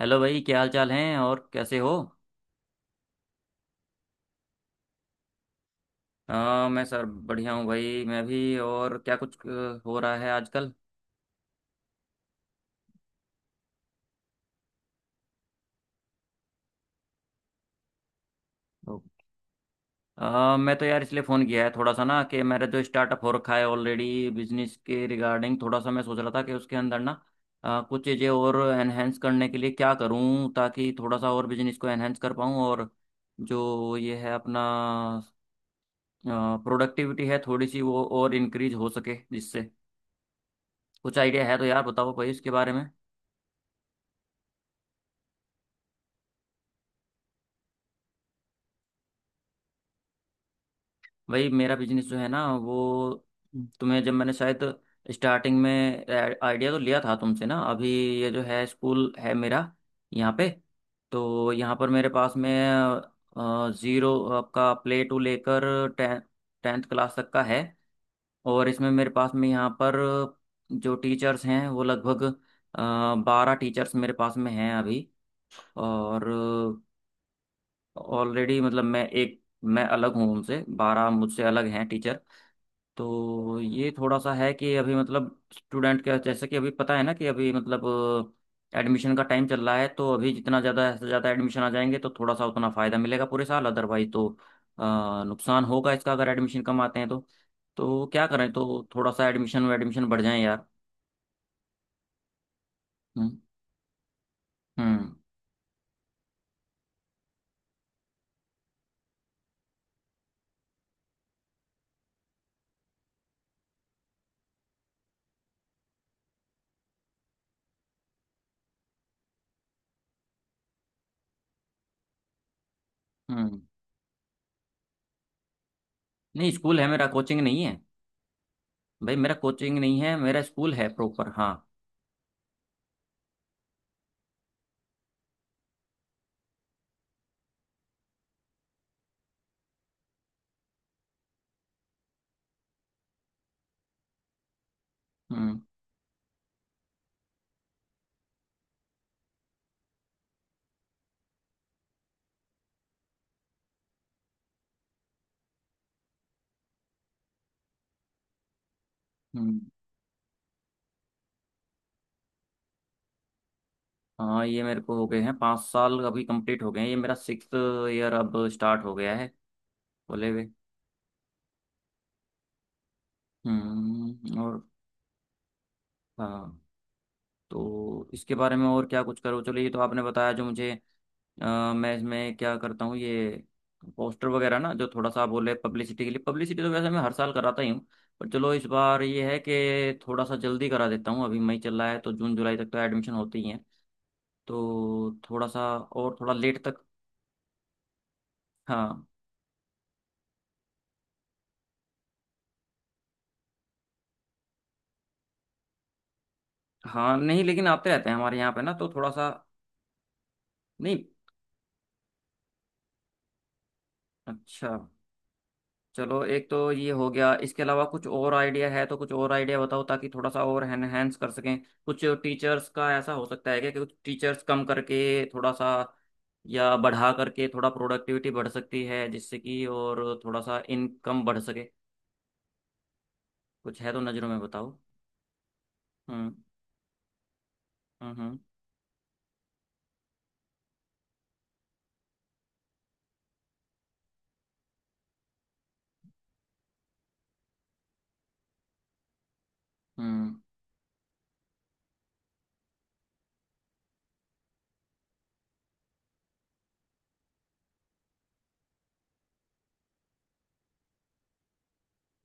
Hello भाई, क्या हाल चाल हैं और कैसे हो। मैं सर बढ़िया हूँ भाई, मैं भी। और क्या कुछ हो रहा है आजकल। तो मैं तो यार इसलिए फ़ोन किया है थोड़ा सा ना कि मेरा जो स्टार्टअप हो रखा है ऑलरेडी, बिजनेस के रिगार्डिंग थोड़ा सा मैं सोच रहा था कि उसके अंदर ना कुछ चीज़ें और एनहेंस करने के लिए क्या करूँ, ताकि थोड़ा सा और बिजनेस को एनहेंस कर पाऊँ। और जो ये है अपना प्रोडक्टिविटी है थोड़ी सी, वो और इंक्रीज हो सके, जिससे कुछ आइडिया है तो यार बताओ भाई इसके बारे में। भाई मेरा बिजनेस जो है ना, वो तुम्हें जब मैंने शायद स्टार्टिंग में आइडिया तो लिया था तुमसे ना। अभी ये जो है स्कूल है मेरा यहाँ पे। तो यहाँ पर मेरे पास में ज़ीरो आपका प्ले टू लेकर टें टेंथ क्लास तक का है। और इसमें मेरे पास में यहाँ पर जो टीचर्स हैं वो लगभग 12 टीचर्स मेरे पास में हैं अभी। और ऑलरेडी मतलब मैं, एक मैं अलग हूँ उनसे, 12 मुझसे अलग हैं टीचर। तो ये थोड़ा सा है कि अभी मतलब स्टूडेंट का, जैसे कि अभी पता है ना कि अभी मतलब एडमिशन का टाइम चल रहा है, तो अभी जितना ज़्यादा से ज़्यादा एडमिशन आ जाएंगे तो थोड़ा सा उतना फ़ायदा मिलेगा पूरे साल। अदरवाइज तो नुकसान होगा इसका अगर एडमिशन कम आते हैं तो। तो क्या करें, तो थोड़ा सा एडमिशन एडमिशन बढ़ जाए यार। हम्म। हम्म। हम्म। नहीं स्कूल है मेरा, कोचिंग नहीं है। भाई मेरा कोचिंग नहीं है, मेरा स्कूल है प्रॉपर। हाँ। हम्म। हम्म। हाँ, ये मेरे को हो गए हैं 5 साल, अभी कंप्लीट हो गए हैं। ये मेरा सिक्स ईयर अब स्टार्ट हो गया है बोले हुए। और। हाँ। तो इसके बारे में और क्या कुछ करो। चलो ये तो आपने बताया जो मुझे। मैं इसमें क्या करता हूँ, ये पोस्टर वगैरह ना जो थोड़ा सा आप बोले, पब्लिसिटी के लिए पब्लिसिटी तो वैसे मैं हर साल कराता ही हूँ। पर चलो इस बार ये है कि थोड़ा सा जल्दी करा देता हूँ। अभी मई चल रहा है तो जून जुलाई तक तो एडमिशन होती ही है। तो थोड़ा सा और थोड़ा लेट तक। हाँ। हाँ नहीं, लेकिन आते रहते हैं हमारे यहाँ पे ना तो थोड़ा सा। नहीं। अच्छा। चलो एक तो ये हो गया, इसके अलावा कुछ और आइडिया है तो कुछ और आइडिया बताओ ताकि थोड़ा सा और एनहेंस कर सकें। कुछ टीचर्स का ऐसा हो सकता है क्या कि कुछ टीचर्स कम करके थोड़ा सा या बढ़ा करके थोड़ा प्रोडक्टिविटी बढ़ सकती है जिससे कि और थोड़ा सा इनकम बढ़ सके। कुछ है तो नज़रों में बताओ। हम्म। हम्म। हम्म। हम्म,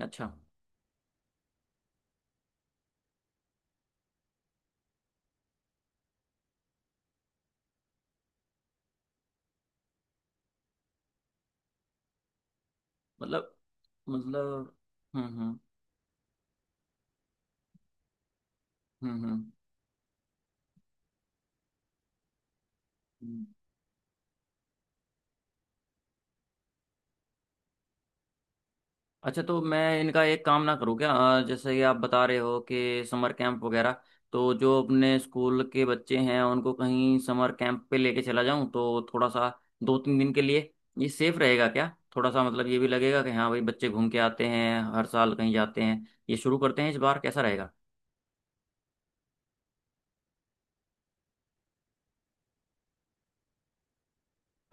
अच्छा। मतलब। मतलब। हम्म। हम्म। हम्म। हम्म। हम्म। अच्छा तो मैं इनका एक काम ना करूँ क्या, जैसे कि आप बता रहे हो कि समर कैंप वगैरह। तो जो अपने स्कूल के बच्चे हैं उनको कहीं समर कैंप पे लेके चला जाऊं तो थोड़ा सा, 2-3 दिन के लिए, ये सेफ रहेगा क्या। थोड़ा सा मतलब ये भी लगेगा कि हाँ भाई बच्चे घूम के आते हैं, हर साल कहीं जाते हैं, ये शुरू करते हैं इस बार, कैसा रहेगा।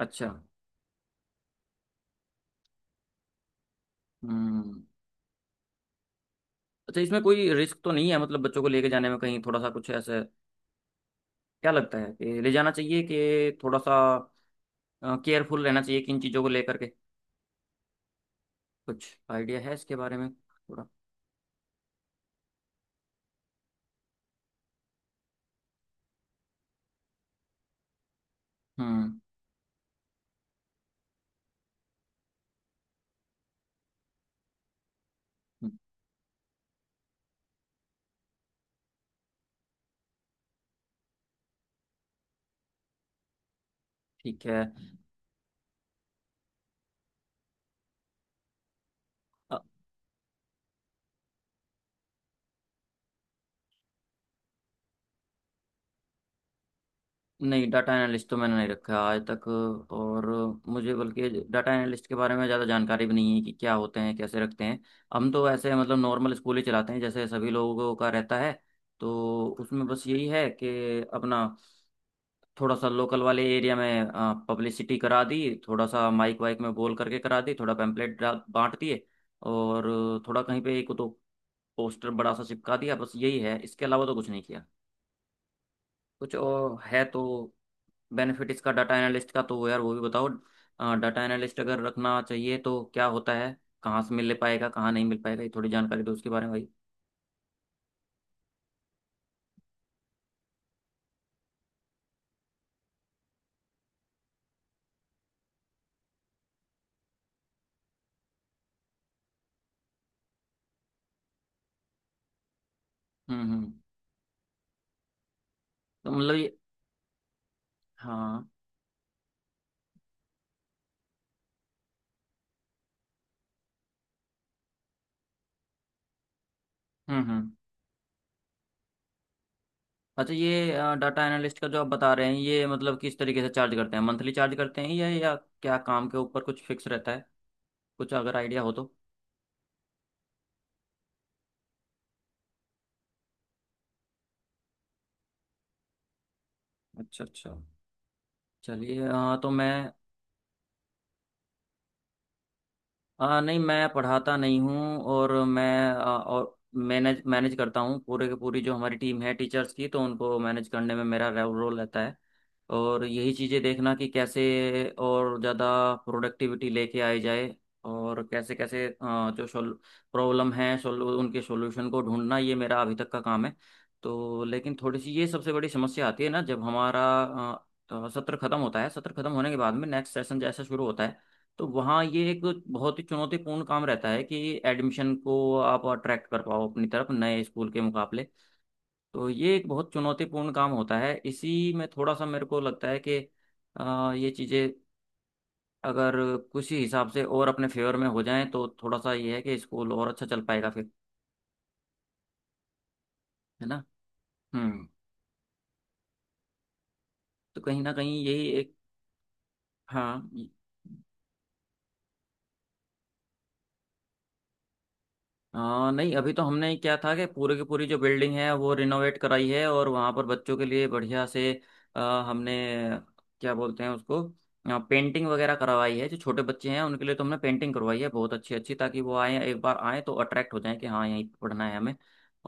अच्छा। हम्म। अच्छा इसमें कोई रिस्क तो नहीं है, मतलब बच्चों को लेके जाने में कहीं थोड़ा सा कुछ ऐसे। क्या लगता है कि ले जाना चाहिए कि थोड़ा सा केयरफुल रहना चाहिए, किन चीज़ों को लेकर के। कुछ आइडिया है इसके बारे में थोड़ा। हम्म। हम्म, ठीक है। अ, नहीं डाटा एनालिस्ट तो मैंने नहीं रखा आज तक। और मुझे बल्कि डाटा एनालिस्ट के बारे में ज़्यादा जानकारी भी नहीं है कि क्या होते हैं, कैसे रखते हैं। हम तो ऐसे मतलब नॉर्मल स्कूल ही चलाते हैं जैसे सभी लोगों का रहता है। तो उसमें बस यही है कि अपना थोड़ा सा लोकल वाले एरिया में पब्लिसिटी करा दी, थोड़ा सा माइक वाइक में बोल करके करा दी, थोड़ा पैम्पलेट बांट दिए, और थोड़ा कहीं पे एक दो पोस्टर बड़ा सा चिपका दिया, बस यही है। इसके अलावा तो कुछ नहीं किया। कुछ और है तो, बेनिफिट इसका डाटा एनालिस्ट का, तो वो यार वो भी बताओ। डाटा एनालिस्ट अगर रखना चाहिए तो क्या होता है, कहाँ से मिल पाएगा, कहाँ नहीं मिल पाएगा, ये थोड़ी जानकारी दो उसके बारे में भाई। हम्म। हम्म। तो मतलब ये। हाँ। हम्म। हम्म। अच्छा ये डाटा एनालिस्ट का जो आप बता रहे हैं, ये मतलब किस तरीके से चार्ज करते हैं, मंथली चार्ज करते हैं या क्या काम के ऊपर कुछ फिक्स रहता है। कुछ अगर आइडिया हो तो। अच्छा अच्छा। चलिए। हाँ तो मैं, नहीं मैं पढ़ाता नहीं हूँ। और मैं और मैनेज मैनेज करता हूँ। पूरे के पूरी जो हमारी टीम है टीचर्स की, तो उनको मैनेज करने में मेरा रोल रहता है। और यही चीज़ें देखना कि कैसे और ज़्यादा प्रोडक्टिविटी लेके आई जाए, और कैसे कैसे जो सोल प्रॉब्लम है, सोल उनके सॉल्यूशन को ढूंढना, ये मेरा अभी तक का काम है। तो लेकिन थोड़ी सी ये सबसे बड़ी समस्या आती है ना जब हमारा आ, आ, सत्र खत्म होता है, सत्र खत्म होने के बाद में नेक्स्ट सेशन जैसा शुरू होता है, तो वहाँ ये एक बहुत ही चुनौतीपूर्ण काम रहता है कि एडमिशन को आप अट्रैक्ट कर पाओ अपनी तरफ नए स्कूल के मुकाबले। तो ये एक बहुत चुनौतीपूर्ण काम होता है। इसी में थोड़ा सा मेरे को लगता है कि ये चीज़ें अगर किसी हिसाब से और अपने फेवर में हो जाएं तो थोड़ा सा ये है कि स्कूल और अच्छा चल पाएगा फिर। है ना। हम्म। तो कहीं ना कहीं यही एक। हाँ। नहीं अभी तो हमने क्या था कि पूरे की पूरी जो बिल्डिंग है वो रिनोवेट कराई है, और वहाँ पर बच्चों के लिए बढ़िया से हमने, क्या बोलते हैं उसको, पेंटिंग वगैरह करवाई है। जो छोटे बच्चे हैं उनके लिए तो हमने पेंटिंग करवाई है बहुत अच्छी अच्छी, ताकि वो आए, एक बार आए तो अट्रैक्ट हो जाए कि हाँ यहीं पढ़ना है हमें।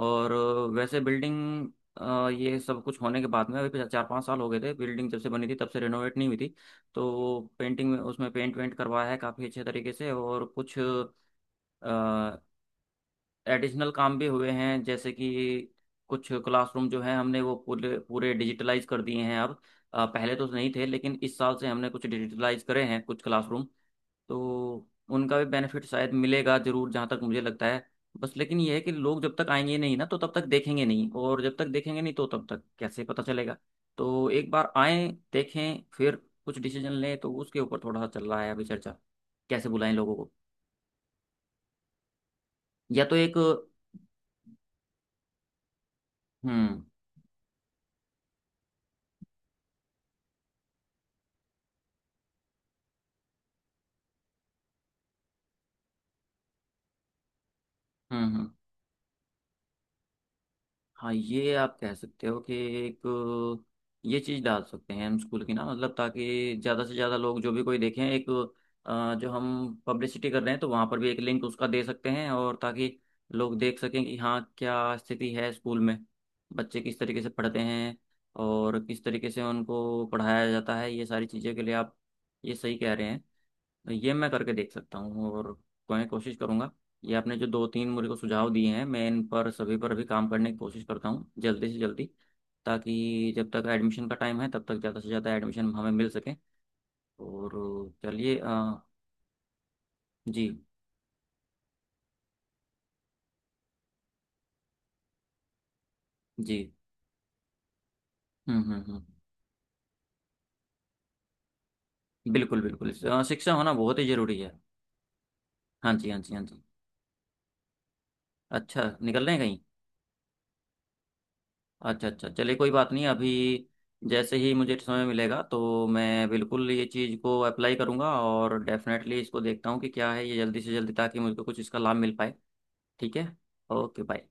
और वैसे बिल्डिंग, ये सब कुछ होने के बाद में, अभी पिछले 4-5 साल हो गए थे बिल्डिंग जब से बनी थी, तब से रिनोवेट नहीं हुई थी। तो पेंटिंग में उसमें पेंट वेंट करवाया है काफ़ी अच्छे तरीके से, और कुछ एडिशनल काम भी हुए हैं, जैसे कि कुछ क्लासरूम जो है हमने वो पूरे पूरे डिजिटलाइज कर दिए हैं अब। पहले तो नहीं थे लेकिन इस साल से हमने कुछ डिजिटलाइज करे हैं कुछ क्लासरूम। तो उनका भी बेनिफिट शायद मिलेगा जरूर, जहाँ तक मुझे लगता है। बस लेकिन ये है कि लोग जब तक आएंगे नहीं ना तो तब तक देखेंगे नहीं, और जब तक देखेंगे नहीं तो तब तक कैसे पता चलेगा। तो एक बार आए, देखें, फिर कुछ डिसीजन लें, तो उसके ऊपर थोड़ा सा चल रहा है अभी चर्चा, कैसे बुलाएं लोगों को। या तो एक। हम्म। हम्म। हम्म। हाँ ये आप कह सकते हो कि एक ये चीज़ डाल सकते हैं हम स्कूल की ना, मतलब ताकि ज़्यादा से ज़्यादा लोग जो भी कोई देखें एक, जो हम पब्लिसिटी कर रहे हैं तो वहाँ पर भी एक लिंक उसका दे सकते हैं, और ताकि लोग देख सकें कि हाँ क्या स्थिति है स्कूल में, बच्चे किस तरीके से पढ़ते हैं और किस तरीके से उनको पढ़ाया जाता है, ये सारी चीज़ों के लिए आप ये सही कह रहे हैं। तो ये मैं करके देख सकता हूँ, और मैं कोशिश करूंगा। ये आपने जो दो तीन मुझे को सुझाव दिए हैं, मैं इन पर सभी पर भी काम करने की कोशिश करता हूँ जल्दी से जल्दी, ताकि जब तक एडमिशन का टाइम है तब तक ज़्यादा से ज़्यादा एडमिशन हमें मिल सके। और चलिए। जी। जी। हम्म। हम्म। हम्म। बिल्कुल बिल्कुल। शिक्षा होना बहुत ही ज़रूरी है। हाँ जी, हाँ जी, हाँ जी। अच्छा निकल रहे हैं कहीं। अच्छा अच्छा, चलिए कोई बात नहीं अभी। जैसे ही मुझे समय मिलेगा तो मैं बिल्कुल ये चीज़ को अप्लाई करूंगा और डेफिनेटली इसको देखता हूँ कि क्या है ये जल्दी से जल्दी, ताकि मुझको कुछ इसका लाभ मिल पाए। ठीक है। Okay bye.